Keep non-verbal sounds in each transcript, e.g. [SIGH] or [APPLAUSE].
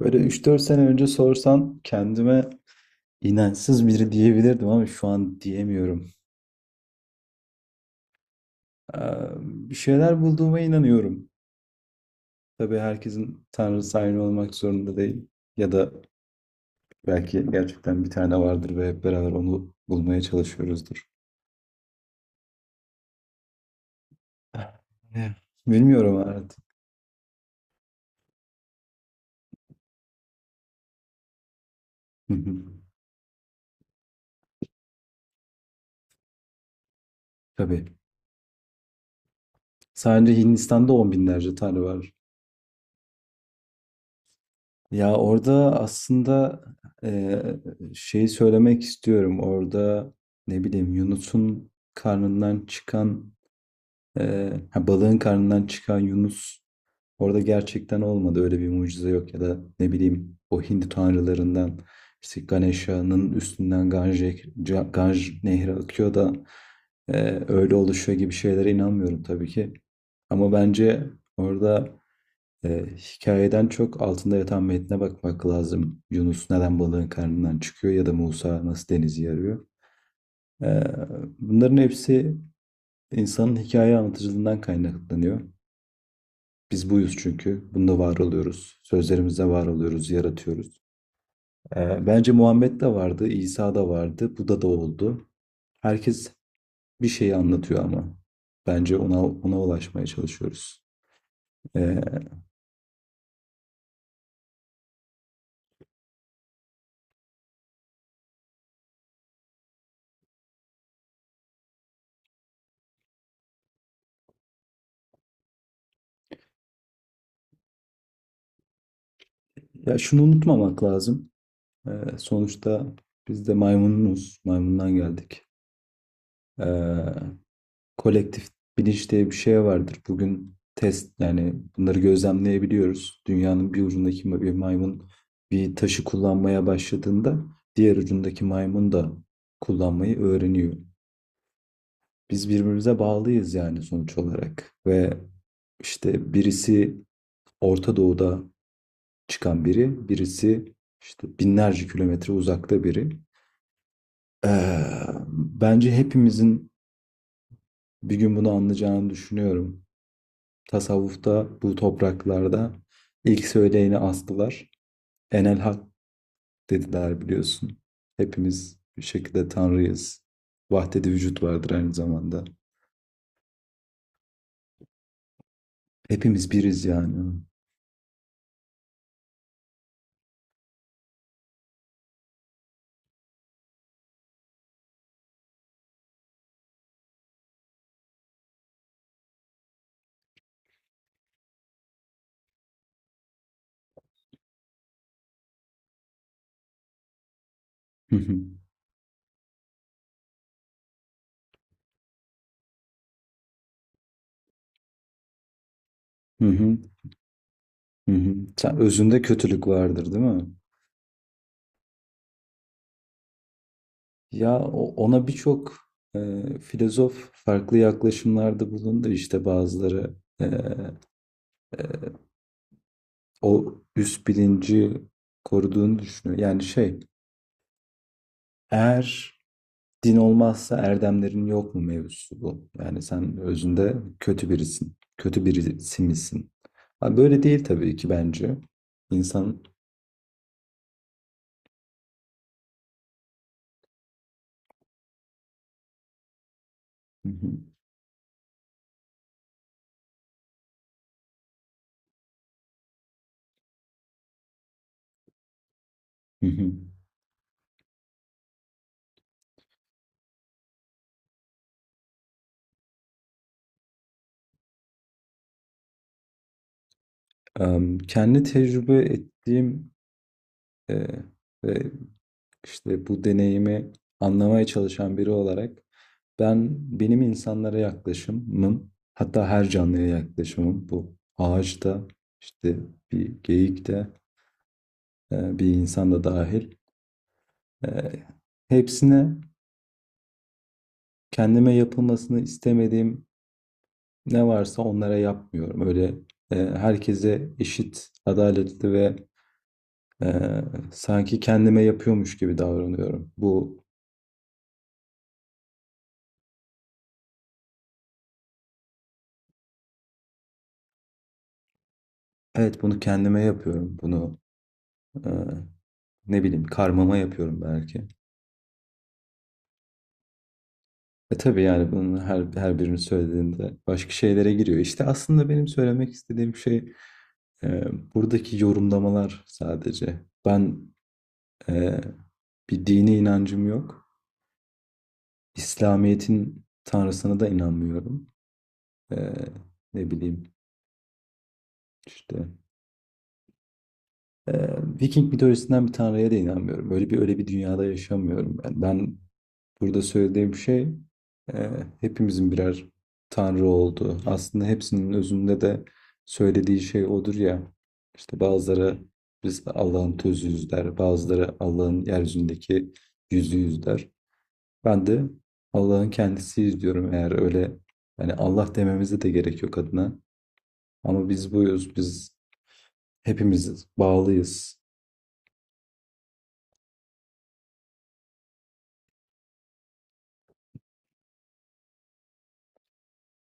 Böyle üç dört sene önce sorsan kendime inançsız biri diyebilirdim ama şu an diyemiyorum. Ee, Bir şeyler bulduğuma inanıyorum. Tabii herkesin tanrısı aynı olmak zorunda değil. Ya da belki gerçekten bir tane vardır ve hep beraber onu bulmaya çalışıyoruzdur. [LAUGHS] Eh, Bilmiyorum artık. [LAUGHS] Tabii. Sadece Hindistan'da on binlerce tanrı var. Ya orada aslında eee, şeyi söylemek istiyorum. Orada ne bileyim Yunus'un karnından çıkan ha, balığın karnından çıkan Yunus orada gerçekten olmadı. Öyle bir mucize yok ya da ne bileyim o Hindu tanrılarından işte Ganesha'nın üstünden Ganj, Ganj nehri akıyor da öyle oluşuyor gibi şeylere inanmıyorum tabii ki. Ama bence orada hikayeden çok altında yatan metne bakmak lazım. Yunus neden balığın karnından çıkıyor ya da Musa nasıl denizi yarıyor. Ee, Bunların hepsi insanın hikaye anlatıcılığından kaynaklanıyor. Biz buyuz çünkü. Bunda var oluyoruz. Sözlerimizde var oluyoruz, yaratıyoruz. Bence Muhammed de vardı, İsa da vardı, Buda da oldu. Herkes bir şeyi anlatıyor ama bence ona ulaşmaya çalışıyoruz. Ee, Ya şunu unutmamak lazım. Sonuçta biz de maymunuz. Maymundan geldik. Ee, Kolektif bilinç diye bir şey vardır. Bugün test yani bunları gözlemleyebiliyoruz. Dünyanın bir ucundaki bir maymun bir taşı kullanmaya başladığında diğer ucundaki maymun da kullanmayı öğreniyor. Biz birbirimize bağlıyız yani sonuç olarak. Ve işte birisi Orta Doğu'da çıkan biri, birisi işte binlerce kilometre uzakta biri. Ee, Bence hepimizin bir gün bunu anlayacağını düşünüyorum. Tasavvufta bu topraklarda ilk söyleyeni astılar. Enel Hak dediler biliyorsun. Hepimiz bir şekilde Tanrıyız. Vahdedi vücut vardır aynı zamanda. Hepimiz biriz yani. Hı hı. Hı hı. Hı hı. Sen özünde kötülük vardır, değil mi? Ya ona birçok e, filozof farklı yaklaşımlarda bulundu. İşte bazıları e, o üst bilinci koruduğunu düşünüyor. Yani şey, eğer din olmazsa erdemlerin yok mu mevzusu bu. Yani sen özünde kötü birisin. Kötü birisi misin? Ha, böyle değil tabii ki bence. İnsan. Hı hı, hı hı. Kendi tecrübe ettiğim e, ve işte bu deneyimi anlamaya çalışan biri olarak ben benim insanlara yaklaşımım hatta her canlıya yaklaşımım bu ağaçta işte bir geyik de bir insan da dahil, Eee, hepsine kendime yapılmasını istemediğim ne varsa onlara yapmıyorum. Öyle herkese eşit, adaletli ve eee, sanki kendime yapıyormuş gibi davranıyorum. Bu, evet, bunu kendime yapıyorum. Bunu eee, ne bileyim karmama yapıyorum belki. E tabii yani bunun her birini söylediğinde başka şeylere giriyor. İşte aslında benim söylemek istediğim şey eee, buradaki yorumlamalar sadece. Ben eee Bir dini inancım yok. İslamiyet'in tanrısına da inanmıyorum. Ee, Ne bileyim işte ee, Viking mitolojisinden bir tanrıya da inanmıyorum. Öyle bir dünyada yaşamıyorum ben. Ben burada söylediğim şey ee, hepimizin birer tanrı olduğu. Aslında hepsinin özünde de söylediği şey odur ya. İşte bazıları biz Allah'ın tözüyüz der, bazıları Allah'ın yeryüzündeki yüzüyüz der. Ben de Allah'ın kendisiyiz diyorum eğer öyle yani Allah dememize de gerek yok adına. Ama biz buyuz, biz hepimiz bağlıyız.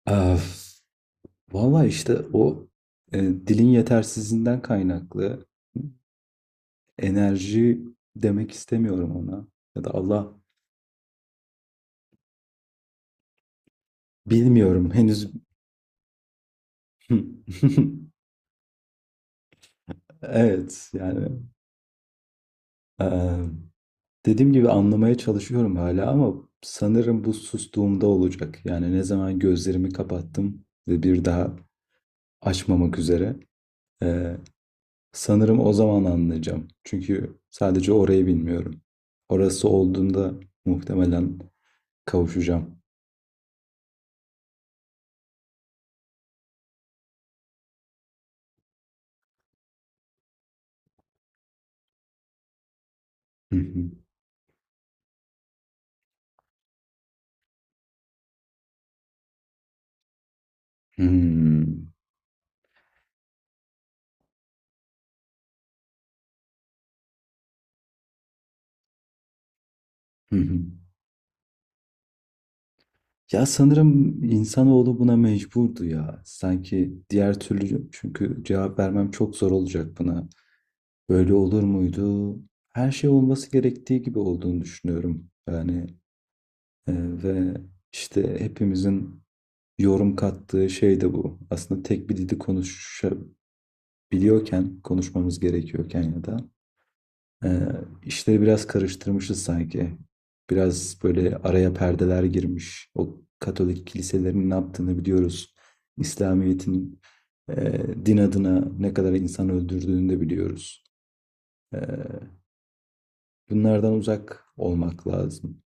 Öf. Valla işte o dilin yetersizliğinden kaynaklı enerji demek istemiyorum ona. Ya da Allah bilmiyorum henüz. [LAUGHS] Evet yani. e, Dediğim gibi anlamaya çalışıyorum hala ama sanırım bu sustuğumda olacak. Yani ne zaman gözlerimi kapattım ve bir daha açmamak üzere. eee, Sanırım o zaman anlayacağım. Çünkü sadece orayı bilmiyorum. Orası olduğunda muhtemelen kavuşacağım. Hı hı. Hmm. Hı hı. Ya sanırım insanoğlu buna mecburdu ya. Sanki diğer türlü çünkü cevap vermem çok zor olacak buna. Böyle olur muydu? Her şey olması gerektiği gibi olduğunu düşünüyorum. Yani e, ve işte hepimizin yorum kattığı şey de bu. Aslında tek bir dili konuşabiliyorken, konuşmamız gerekiyorken ya da ee, işleri biraz karıştırmışız sanki. Biraz böyle araya perdeler girmiş. O Katolik kiliselerin ne yaptığını biliyoruz. İslamiyet'in e, din adına ne kadar insan öldürdüğünü de biliyoruz. Ee, Bunlardan uzak olmak lazım.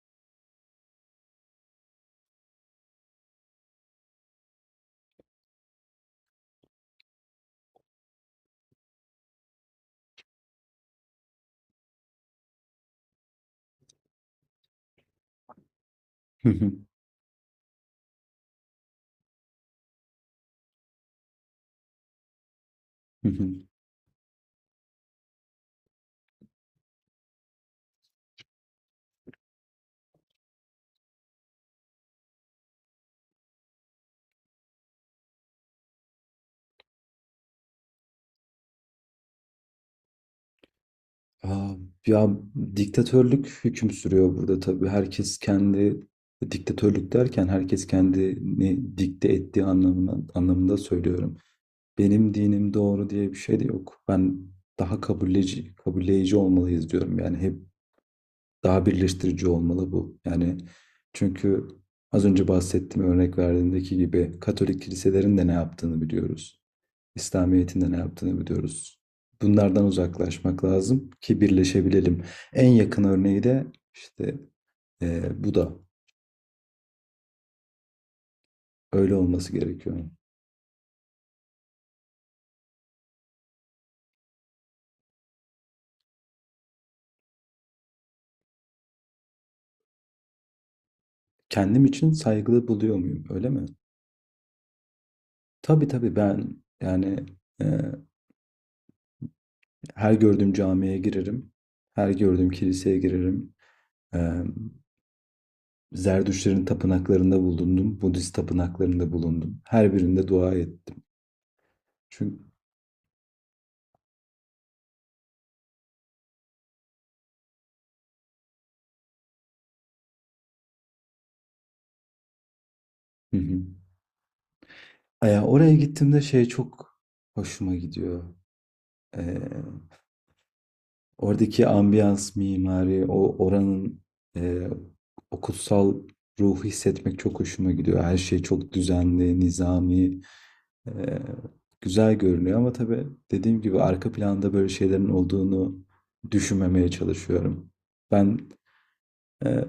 [LAUGHS] Aa, ya diktatörlük hüküm sürüyor burada tabii. Herkes kendi, diktatörlük derken herkes kendini dikte ettiği anlamında söylüyorum. Benim dinim doğru diye bir şey de yok. Ben daha kabulleyici olmalıyız diyorum. Yani hep daha birleştirici olmalı bu. Yani çünkü az önce bahsettiğim örnek verdiğimdeki gibi Katolik kiliselerin de ne yaptığını biliyoruz. İslamiyet'in de ne yaptığını biliyoruz. Bunlardan uzaklaşmak lazım ki birleşebilelim. En yakın örneği de işte bu da öyle olması gerekiyor. Kendim için saygılı buluyor muyum öyle mi? Tabii tabii ben yani ee, her gördüğüm camiye girerim. Her gördüğüm kiliseye girerim. Eee Zerdüştlerin tapınaklarında bulundum. Budist tapınaklarında bulundum. Her birinde dua ettim. Çünkü. Hı hı. Oraya gittiğimde şey çok hoşuma gidiyor. Eee, Oradaki ambiyans, mimari, o oranın eee o kutsal ruhu hissetmek çok hoşuma gidiyor. Her şey çok düzenli, nizami. Ee, Güzel görünüyor ama tabii dediğim gibi arka planda böyle şeylerin olduğunu düşünmemeye çalışıyorum. Ben e,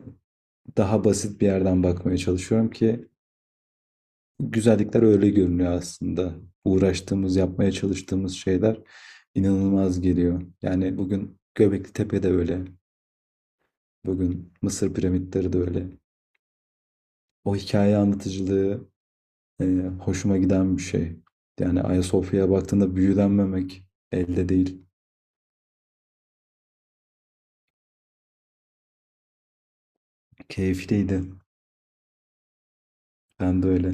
daha basit bir yerden bakmaya çalışıyorum ki güzellikler öyle görünüyor aslında. Uğraştığımız, yapmaya çalıştığımız şeyler inanılmaz geliyor. Yani bugün Göbekli Tepe de öyle. Bugün Mısır piramitleri de öyle. O hikaye anlatıcılığı e, hoşuma giden bir şey. Yani Ayasofya'ya baktığında büyülenmemek elde değil. Keyifliydi. Ben de öyle.